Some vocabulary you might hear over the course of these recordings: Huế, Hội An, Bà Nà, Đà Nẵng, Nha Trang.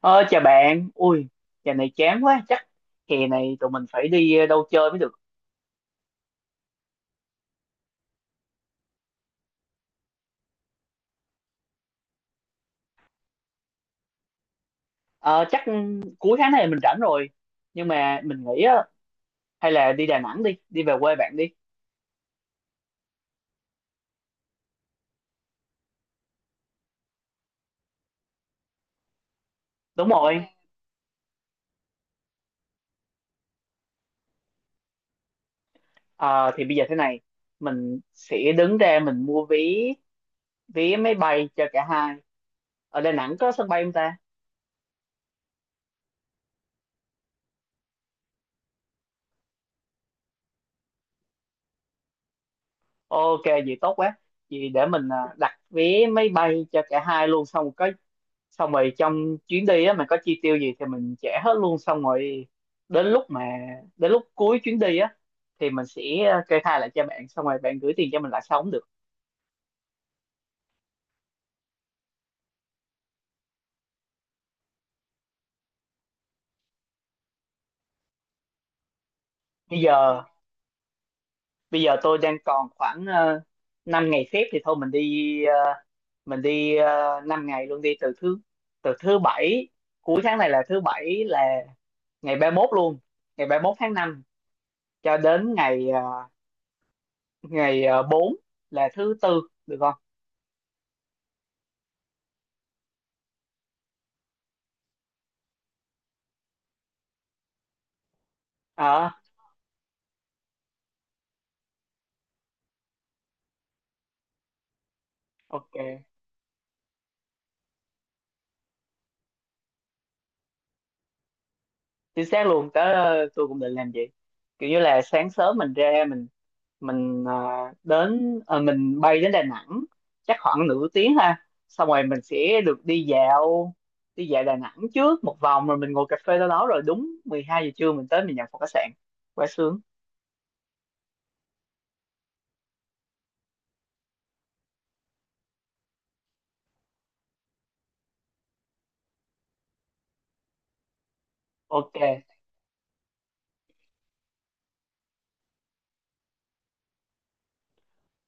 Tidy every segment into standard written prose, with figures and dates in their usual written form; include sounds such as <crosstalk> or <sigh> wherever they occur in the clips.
Ờ, chào bạn, ui, giờ này chán quá, chắc hè này tụi mình phải đi đâu chơi mới được. Ờ, chắc cuối tháng này mình rảnh rồi, nhưng mà mình nghĩ á, hay là đi Đà Nẵng đi, đi về quê bạn đi. Đúng rồi. Ờ, thì bây giờ thế này, mình sẽ đứng ra mình mua vé máy bay cho cả hai. Ở Đà Nẵng có sân bay không ta? Ok, vậy tốt quá. Vậy để mình đặt vé máy bay cho cả hai luôn, xong rồi trong chuyến đi á mình có chi tiêu gì thì mình trả hết luôn, xong rồi đến lúc mà đến lúc cuối chuyến đi á thì mình sẽ kê khai lại cho bạn, xong rồi bạn gửi tiền cho mình lại sao cũng được. bây giờ Bây giờ tôi đang còn khoảng 5 ngày phép, thì thôi mình đi 5 ngày luôn, đi từ thứ bảy, cuối tháng này là thứ bảy, là ngày ba mốt luôn, ngày ba mốt tháng 5 cho đến ngày 4, là thứ tư, được không? Ờ, ok, chính xác luôn. Tôi cũng định làm vậy, kiểu như là sáng sớm mình ra, mình ờ, mình bay đến Đà Nẵng chắc khoảng nửa tiếng ha, xong rồi mình sẽ được đi dạo Đà Nẵng trước một vòng, rồi mình ngồi cà phê đâu đó, rồi đúng 12 giờ trưa mình tới mình nhận phòng khách sạn, quá sướng. Ok.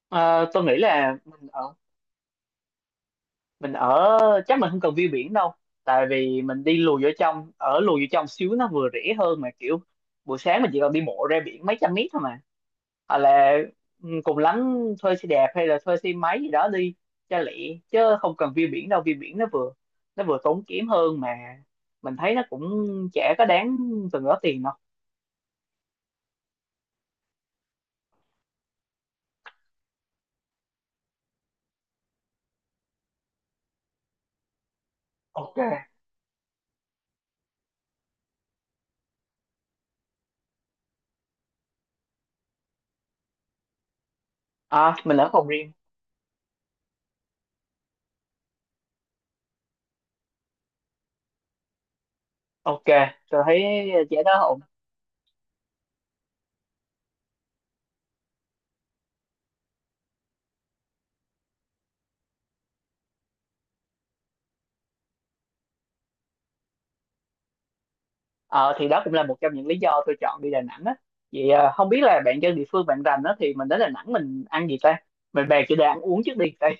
Ờ, tôi nghĩ là mình ở, chắc mình không cần view biển đâu, tại vì mình đi lùi vô trong ở lùi vô trong xíu nó vừa rẻ hơn, mà kiểu buổi sáng mình chỉ cần đi bộ ra biển mấy trăm mét thôi mà. Hoặc là, cùng lắm thuê xe đạp hay là thuê xe máy gì đó đi cho lẹ, chứ không cần view biển đâu. View biển nó vừa tốn kém hơn, mà mình thấy nó cũng chả có đáng từng đó tiền đâu. Ok. À, mình ở phòng riêng. Ok, tôi thấy chả đó ổn. Ờ, thì đó cũng là một trong những lý do tôi chọn đi Đà Nẵng á. Vậy à, không biết là bạn dân địa phương bạn rành á, thì mình đến Đà Nẵng mình ăn gì ta? Mình bàn chủ đề ăn uống trước đi tại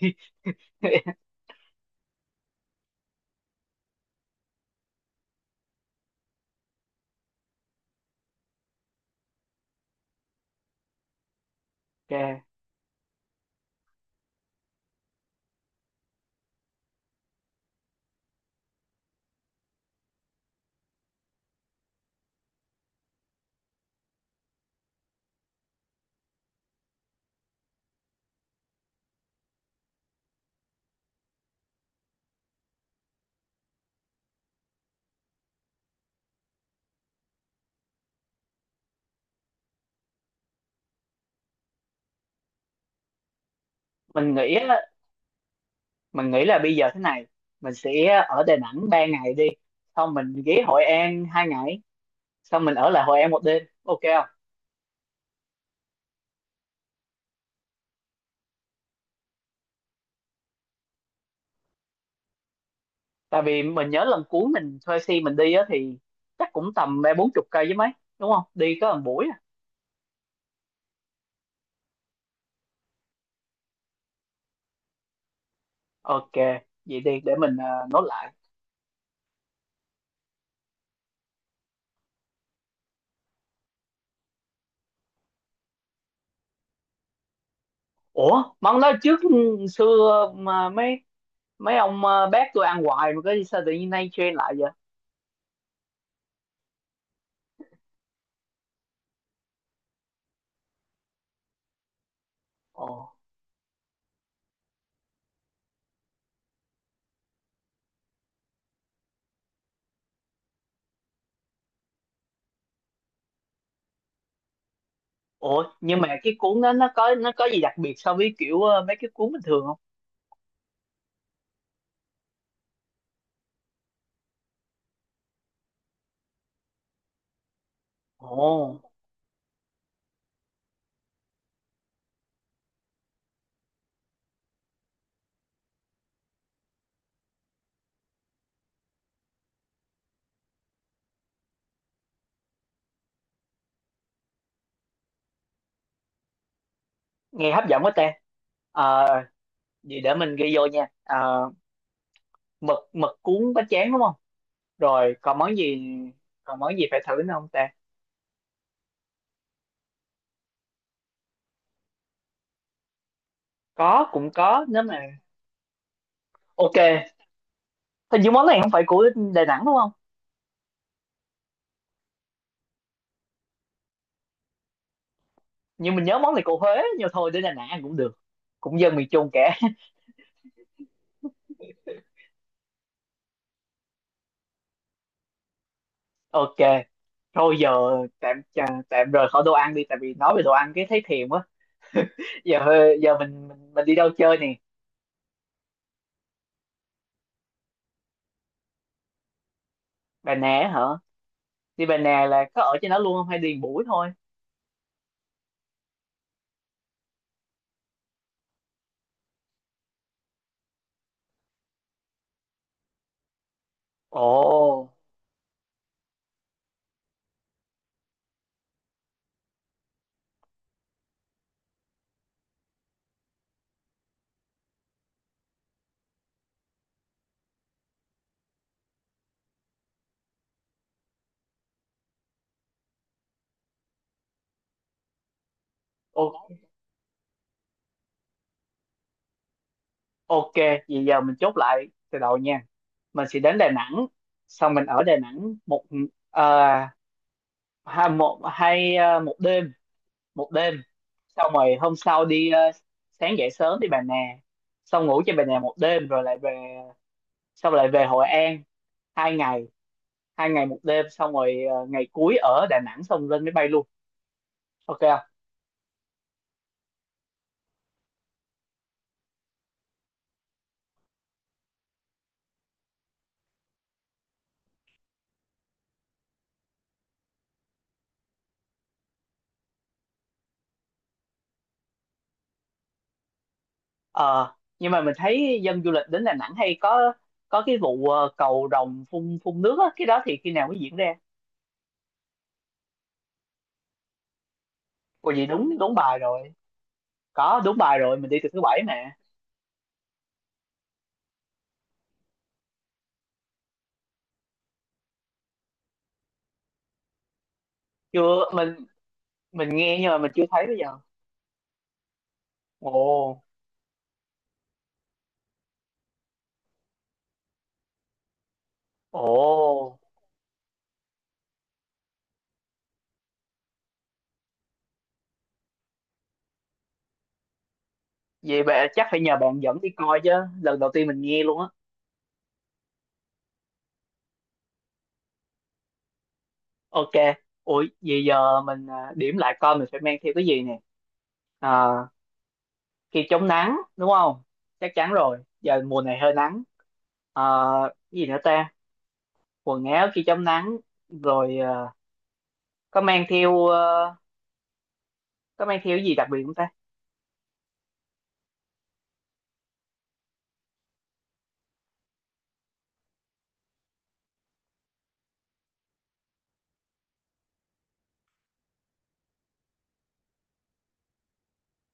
<laughs> ok. Mình nghĩ á, mình nghĩ là bây giờ thế này, mình sẽ ở Đà Nẵng 3 ngày đi, xong mình ghé Hội An 2 ngày, xong mình ở lại Hội An một đêm, ok không? Tại vì mình nhớ lần cuối mình thuê xe mình đi á, thì chắc cũng tầm ba bốn chục cây chứ mấy, đúng không, đi có một buổi à. Ok, vậy đi, để mình nốt lại. Ủa món đó trước xưa mà mấy mấy ông bác tôi ăn hoài mà, có sao tự nhiên nay trend lại vậy? Ồ. Ủa nhưng mà cái cuốn đó nó có gì đặc biệt so với kiểu mấy cái cuốn bình thường không? Ồ, nghe hấp dẫn quá ta. Ờ, vậy để mình ghi vô nha. Ờ, mực mực cuốn bánh tráng đúng không? Rồi còn món gì phải thử nữa không ta? Có, cũng có nếu mà. Ok. Hình như món này không phải của Đà Nẵng đúng không? Nhưng mình nhớ món này của Huế, nhưng thôi đến Đà Nẵng ăn cũng được, cũng dân miền Trung cả <laughs> ok. Thôi giờ, tạm tạm rời khỏi đồ ăn đi, tại vì nói về đồ ăn cái thấy thèm quá. Giờ giờ mình đi đâu chơi nè? Bà Nè hả? Đi Bà Nè là có ở trên đó luôn không hay đi một buổi thôi? Ồ. Ok. Ok, vậy giờ mình chốt lại từ đầu nha. Mình sẽ đến Đà Nẵng, xong mình ở Đà Nẵng một ờ, hai một hai một đêm, một đêm. Xong rồi hôm sau sáng dậy sớm đi Bà Nà, xong ngủ trên Bà Nà một đêm rồi lại về, xong lại về Hội An 2 ngày, 2 ngày một đêm, xong rồi ngày cuối ở Đà Nẵng xong lên máy bay luôn. Ok không? Ờ, nhưng mà mình thấy dân du lịch đến Đà Nẵng hay có cái vụ cầu rồng phun phun nước á, cái đó thì khi nào mới diễn ra? Ủa vậy đúng đúng bài rồi, có đúng bài rồi, mình đi từ thứ bảy mà. Chưa, mình mình nghe nhưng mà mình chưa thấy bây giờ. Ồ. Ồ, vậy bạn chắc phải nhờ bạn dẫn đi coi chứ, lần đầu tiên mình nghe luôn á. Ok. Ủa vậy giờ mình, à, điểm lại coi mình phải mang theo cái gì nè. À, kem chống nắng đúng không? Chắc chắn rồi, giờ mùa này hơi nắng. À, cái gì nữa ta? Quần áo khi chống nắng, rồi. À, có mang theo ờ, có mang theo cái gì đặc biệt không ta?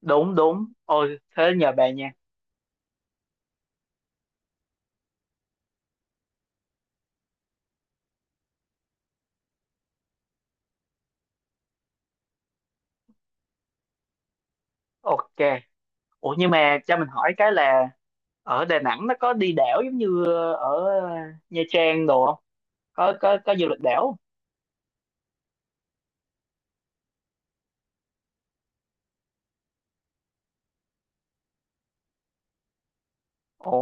Đúng đúng, ôi thế nhờ bạn nha. Ok. Ủa nhưng mà cho mình hỏi cái là ở Đà Nẵng nó có đi đảo giống như ở Nha Trang đồ không? Có du lịch đảo không? Ồ.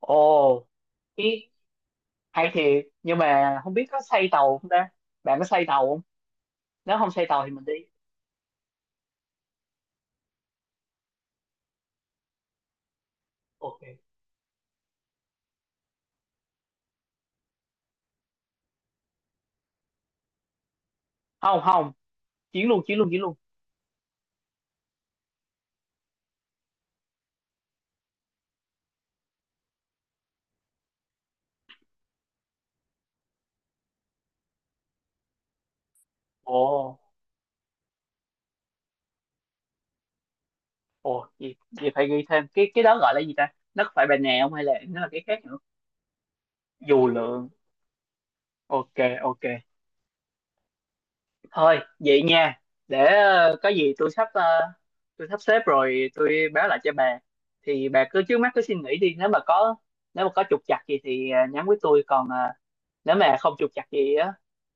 Ồ, ý hay thiệt, nhưng mà không biết có xây tàu không ta? Bạn có xây tàu không? Nếu không xây tàu thì mình đi. Ok. Không không, chuyến luôn chuyến luôn chuyến luôn. Ồ. Ồ, gì gì phải ghi thêm, cái đó gọi là gì ta? Nó có phải Bà Nè không hay là nó là cái khác nữa? Dù lượn. Ok, ok. Thôi vậy nha, để có gì tôi sắp xếp rồi tôi báo lại cho bà, thì bà cứ trước mắt cứ suy nghĩ đi, nếu mà có trục trặc gì thì nhắn với tôi, còn nếu mà không trục trặc gì á,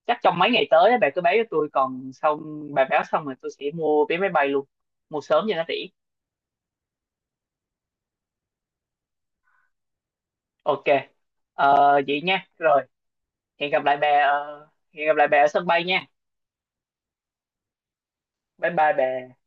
chắc trong mấy ngày tới á, bà cứ báo cho tôi, còn xong bà báo xong rồi tôi sẽ mua vé máy bay luôn, mua sớm cho nó rẻ. Ok. Vậy nha rồi, hẹn gặp lại bà ờ, hẹn gặp lại bà ở sân bay nha. Bye bye bà.